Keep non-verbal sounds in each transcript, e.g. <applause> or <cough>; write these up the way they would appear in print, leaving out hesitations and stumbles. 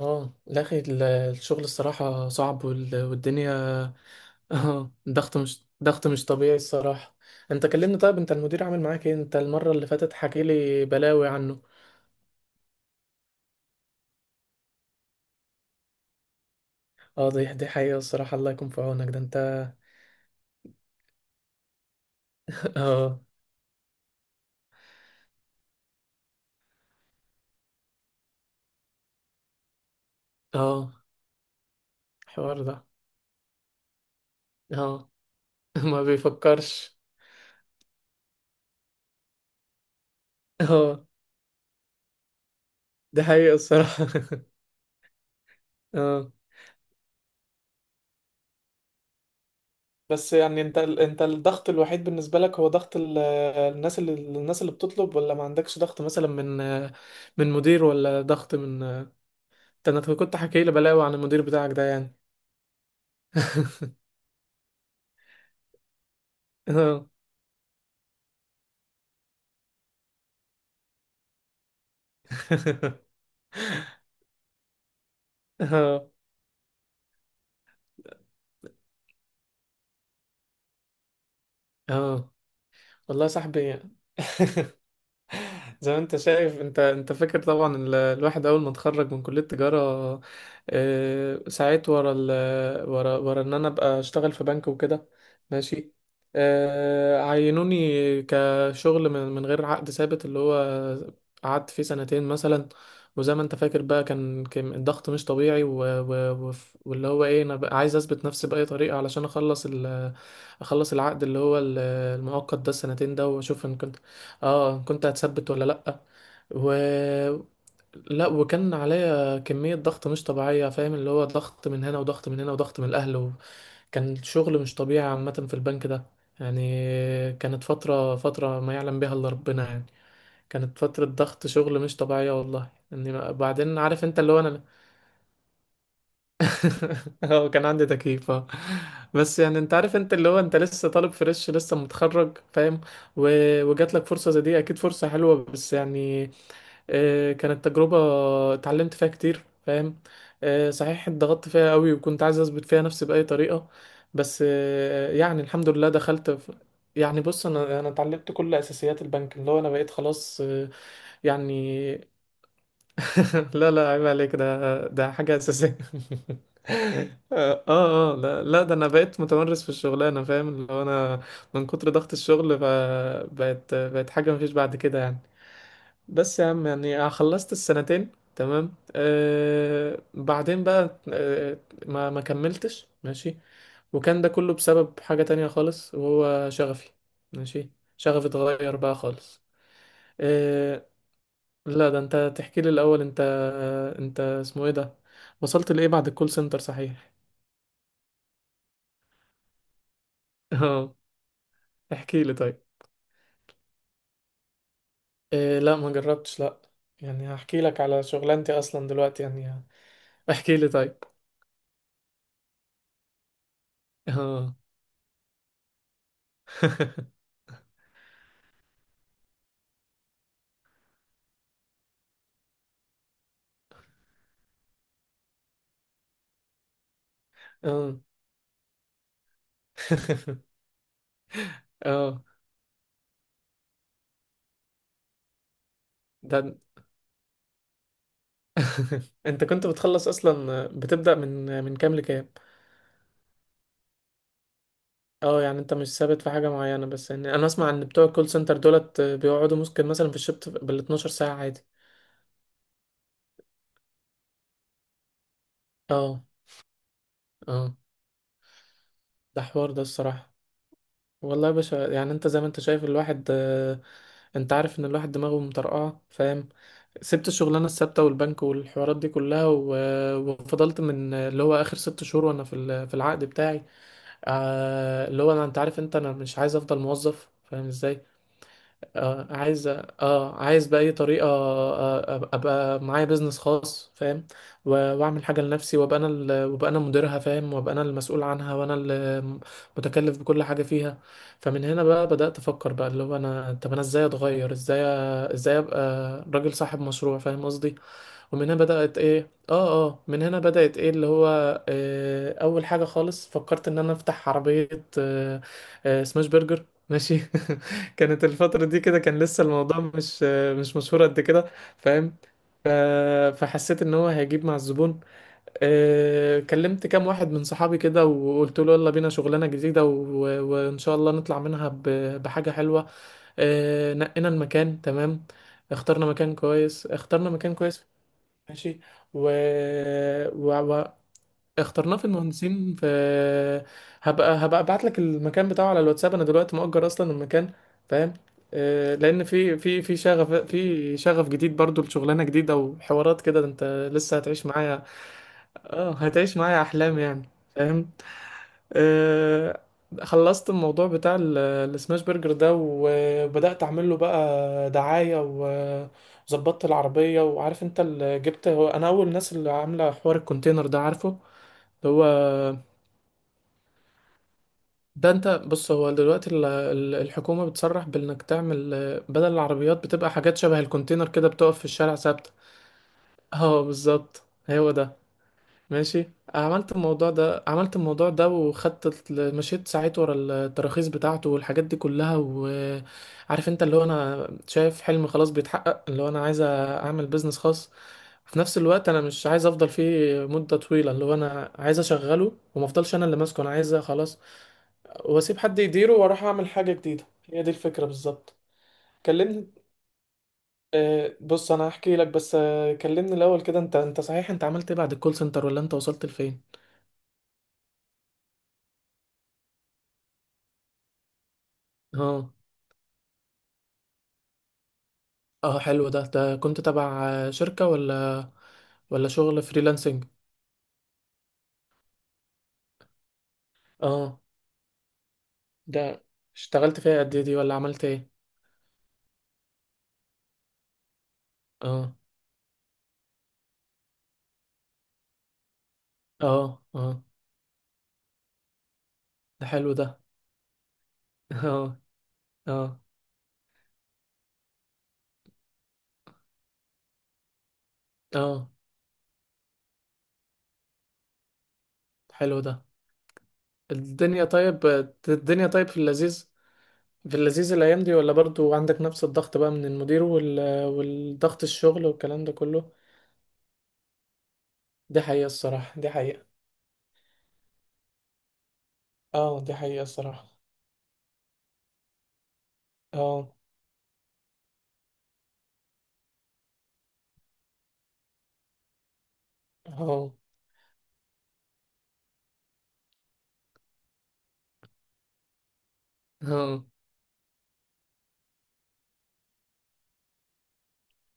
اه، لا اخي الشغل الصراحة صعب والدنيا. <laughs> اه، ضغط مش طبيعي الصراحة. انت كلمني، طيب انت المدير عامل معاك ايه؟ انت المرة اللي فاتت حكي لي بلاوي عنه. اه، دي حقيقة الصراحة، الله يكون في عونك ده انت. <laughs> اه، اه. الحوار ده. اه. <laughs> ما بيفكرش. اه، دي حقيقة الصراحة. <laughs> اه. بس يعني انت الضغط الوحيد بالنسبة لك هو ضغط الناس، اللي بتطلب، ولا ما عندكش ضغط مثلا من مدير، ولا ضغط من؟ انت انا كنت حكي لي بلاوي عن المدير بتاعك ده يعني. <laughs> اه. <laughs> اه، اه. والله يا صاحبي. <laughs> زي ما انت شايف، انت فاكر طبعا الواحد اول ما اتخرج من كلية تجارة. اه، سعيت ورا ال ورا ورا ان انا ابقى اشتغل في بنك وكده. ماشي. اه، عينوني كشغل من غير عقد ثابت، اللي هو قعدت فيه سنتين مثلا. وزي ما انت فاكر بقى، كان الضغط مش طبيعي، و... و... وف- واللي هو ايه، انا بقى عايز اثبت نفسي بأي طريقة علشان اخلص العقد، اللي هو المؤقت ده، السنتين ده، واشوف ان كنت. اه، كنت هتثبت ولا لأ. و لا وكان عليا كمية ضغط مش طبيعية، فاهم؟ اللي هو ضغط من هنا، وضغط من هنا، وضغط من الأهل. كان شغل مش طبيعي عامة في البنك ده يعني. كانت فترة ما يعلم بها إلا ربنا يعني. كانت فترة ضغط شغل مش طبيعية، والله يعني. بعدين عارف انت، اللي هو انا. <laughs> اه، كان عندي تكييف، اه. بس يعني انت عارف، انت اللي هو انت لسه طالب فريش، لسه متخرج، فاهم؟ و... وجات لك فرصة زي دي، اكيد فرصة حلوة، بس يعني كانت تجربة اتعلمت فيها كتير، فاهم؟ صحيح اتضغطت فيها قوي، وكنت عايز اثبت فيها نفسي بأي طريقة. بس يعني الحمد لله دخلت في. يعني بص، انا اتعلمت كل اساسيات البنك، اللي هو انا بقيت خلاص يعني. <laughs> لا، لا، عيب عليك، ده حاجة أساسية. <laughs> اه. اه، لا، لا، ده انا بقيت متمرس في الشغلانة، فاهم؟ اللي هو انا من كتر ضغط الشغل بقت حاجة مفيش بعد كده يعني. بس يا عم، يعني خلصت السنتين. تمام. بعدين بقى، ما كملتش. ماشي. وكان ده كله بسبب حاجة تانية خالص، وهو شغفي. ماشي. شغفي اتغير بقى خالص. آه، لا، ده انت تحكي لي الاول. انت انت اسمه ايه ده، وصلت لايه بعد الكول سنتر؟ صحيح. <laughs> اه، احكي لي طيب. إيه، لا ما جربتش، لا. يعني هحكي لك على شغلانتي اصلا دلوقتي يعني. <laughs> احكي لي طيب. اه. <laughs> اه. <laughs> اه، ده. <laughs> انت كنت بتخلص اصلا، بتبدأ من كام لكام؟ اه، يعني انت مش ثابت في حاجة معينة. بس يعني انا اسمع ان بتوع الكول سنتر دولت بيقعدوا ممكن مثلا في الشفت بال 12 ساعة عادي. اه، اه، ده حوار ده الصراحة. والله يا باشا، يعني انت زي ما انت شايف الواحد، انت عارف ان الواحد دماغه مطرقعه، فاهم؟ سبت الشغلانه الثابته والبنك والحوارات دي كلها، و- وفضلت من اللي هو اخر 6 شهور وانا في في العقد بتاعي. اللي هو انا، انت عارف، انت انا مش عايز افضل موظف، فاهم ازاي؟ اه عايز اه عايز بأي طريقة، ابقى معايا بيزنس خاص، فاهم؟ و- واعمل حاجة لنفسي، وابقى انا مديرها، فاهم؟ وابقى انا المسؤول عنها، وانا اللي متكلف بكل حاجة فيها. فمن هنا بقى بدأت افكر، بقى اللي هو انا طب انا ازاي اتغير، ازاي ابقى راجل صاحب مشروع، فاهم قصدي؟ ومن هنا بدأت ايه اه اه من هنا بدأت ايه، اللي هو اول حاجة خالص فكرت ان انا افتح عربية. آه سماش برجر، ماشي. <laughs> كانت الفترة دي كده، كان لسه الموضوع مش مشهور قد كده، فاهم؟ ف- فحسيت ان هو هيجيب مع الزبون. كلمت كام واحد من صحابي كده وقلت له يلا بينا شغلانة جديدة، و- وان شاء الله نطلع منها ب- بحاجة حلوة. نقينا المكان، تمام. اخترنا مكان كويس. ماشي. و... و... و... اخترناه في المهندسين. في هبقى هبقى ابعت لك المكان بتاعه على الواتساب، انا دلوقتي مؤجر اصلا المكان، فاهم؟ لان في شغف جديد برضو لشغلانه جديده، وحوارات كده، ده انت لسه هتعيش معايا. اه، هتعيش معايا احلام يعني، فاهم؟ آه، خلصت الموضوع بتاع السماش برجر ده، وبدأت أعمل له بقى دعاية، وظبطت العربية. وعارف أنت اللي جبت هو، أنا أول الناس اللي عاملة حوار الكونتينر ده، عارفه؟ اللي هو ده، أنت بص، هو دلوقتي الحكومة بتصرح بإنك تعمل، بدل العربيات بتبقى حاجات شبه الكونتينر كده، بتقف في الشارع ثابتة. <laughs> اه بالظبط، هو ده. ماشي، عملت الموضوع ده، عملت الموضوع ده، وخدت مشيت ساعات ورا التراخيص بتاعته والحاجات دي كلها. وعارف انت، اللي هو انا شايف حلم خلاص بيتحقق، اللي هو انا عايز اعمل بيزنس خاص. في نفس الوقت انا مش عايز افضل فيه مدة طويلة، اللي هو انا عايز اشغله وما افضلش انا اللي ماسكه، انا عايز خلاص واسيب حد يديره واروح اعمل حاجة جديدة. هي دي الفكرة بالظبط. كلمني. بص انا هحكي لك، بس كلمني الاول كده، انت انت صحيح انت عملت ايه بعد الكول سنتر، ولا انت وصلت لفين؟ اه، اه، حلو ده. ده كنت تبع شركة، ولا ولا شغل فريلانسنج؟ اه، ده اشتغلت فيها قد ايه دي، ولا عملت ايه؟ اه، اه، اه، ده حلو ده. <laughs> اه، اه، اه، حلو ده. الدنيا طيب. الدنيا طيب في اللذيذ. في اللذيذ الايام دي، ولا برضو عندك نفس الضغط بقى من المدير والضغط الشغل والكلام ده كله؟ دي حقيقة الصراحة، دي حقيقة. اه، دي حقيقة الصراحة. اه، اه، اه،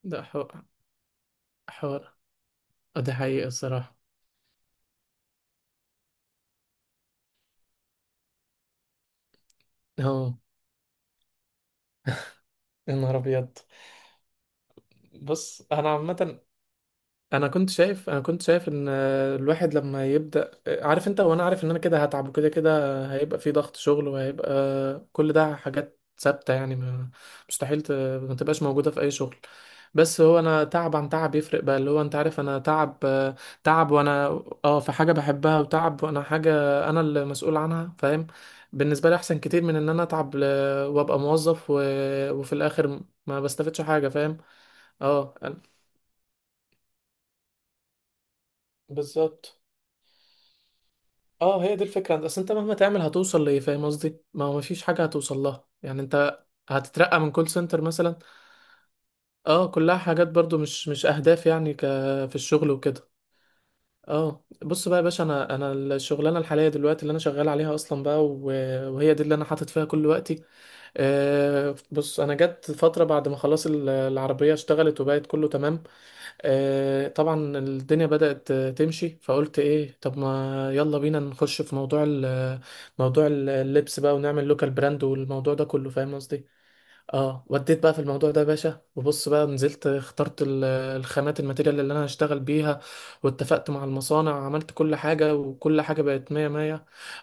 ده حوار، حوار. ده حقيقي الصراحة. اه. يا نهار أبيض. بص أنا عامة، انا كنت شايف، انا كنت شايف ان الواحد لما يبدا، عارف انت، وانا عارف ان انا كده هتعب، وكده كده هيبقى في ضغط شغل، وهيبقى كل ده حاجات ثابته يعني، مستحيل ت- ما تبقاش موجوده في اي شغل. بس هو انا تعب عن تعب يفرق بقى، اللي هو انت عارف، انا تعب تعب وانا. اه، في حاجه بحبها، وتعب وانا حاجه انا اللي مسؤول عنها، فاهم؟ بالنسبه لي احسن كتير من ان انا اتعب وابقى موظف، وفي الاخر ما بستفدش حاجه، فاهم؟ اه أنا- بالظبط. اه، هي دي الفكرة. بس انت مهما تعمل هتوصل لإيه، فاهم قصدي؟ ما هو مفيش حاجة هتوصل لها يعني، انت هتترقى من كول سنتر مثلا. اه، كلها حاجات برضو مش اهداف يعني. ك في الشغل وكده. اه، بص بقى يا باشا، انا الشغلانه الحاليه دلوقتي اللي انا شغال عليها اصلا بقى، وهي دي اللي انا حاطط فيها كل وقتي. بص، انا جت فتره بعد ما خلاص العربيه اشتغلت وبقت كله تمام. طبعا الدنيا بدأت تمشي. فقلت ايه، طب ما يلا بينا نخش في موضوع موضوع اللبس بقى، ونعمل لوكال براند، والموضوع ده كله، فاهم قصدي؟ اه، وديت بقى في الموضوع ده يا باشا. وبص بقى، نزلت اخترت الخامات، الماتيريال اللي انا هشتغل بيها، واتفقت مع المصانع، عملت كل حاجة، وكل حاجة بقت مية مية.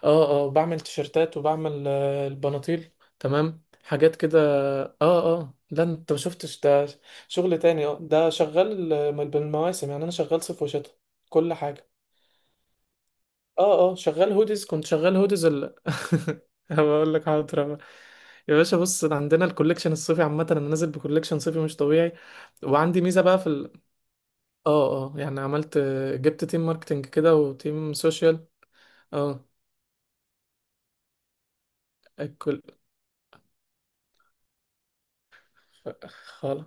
اه، اه، بعمل تيشرتات، وبعمل البناطيل. تمام، حاجات كده. اه، اه، لا انت ما شفتش ده، شغل تاني. اه، ده شغال بالمواسم يعني، انا شغال صيف وشتاء، كل حاجة. اه، اه، شغال هودز كنت شغال هودز. <laughs> بقول لك حاضر أهو. يا باشا بص، أنا عندنا الكوليكشن الصيفي عامة، انا نازل بكوليكشن صيفي مش طبيعي. وعندي ميزة بقى في ال... اه، اه، يعني عملت، جبت تيم ماركتنج كده وتيم سوشيال. اه. الكل. خلاص،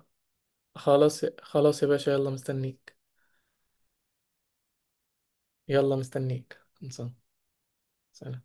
خلاص، خلاص يا باشا، يلا مستنيك. يلا مستنيك، خلصان. سلام.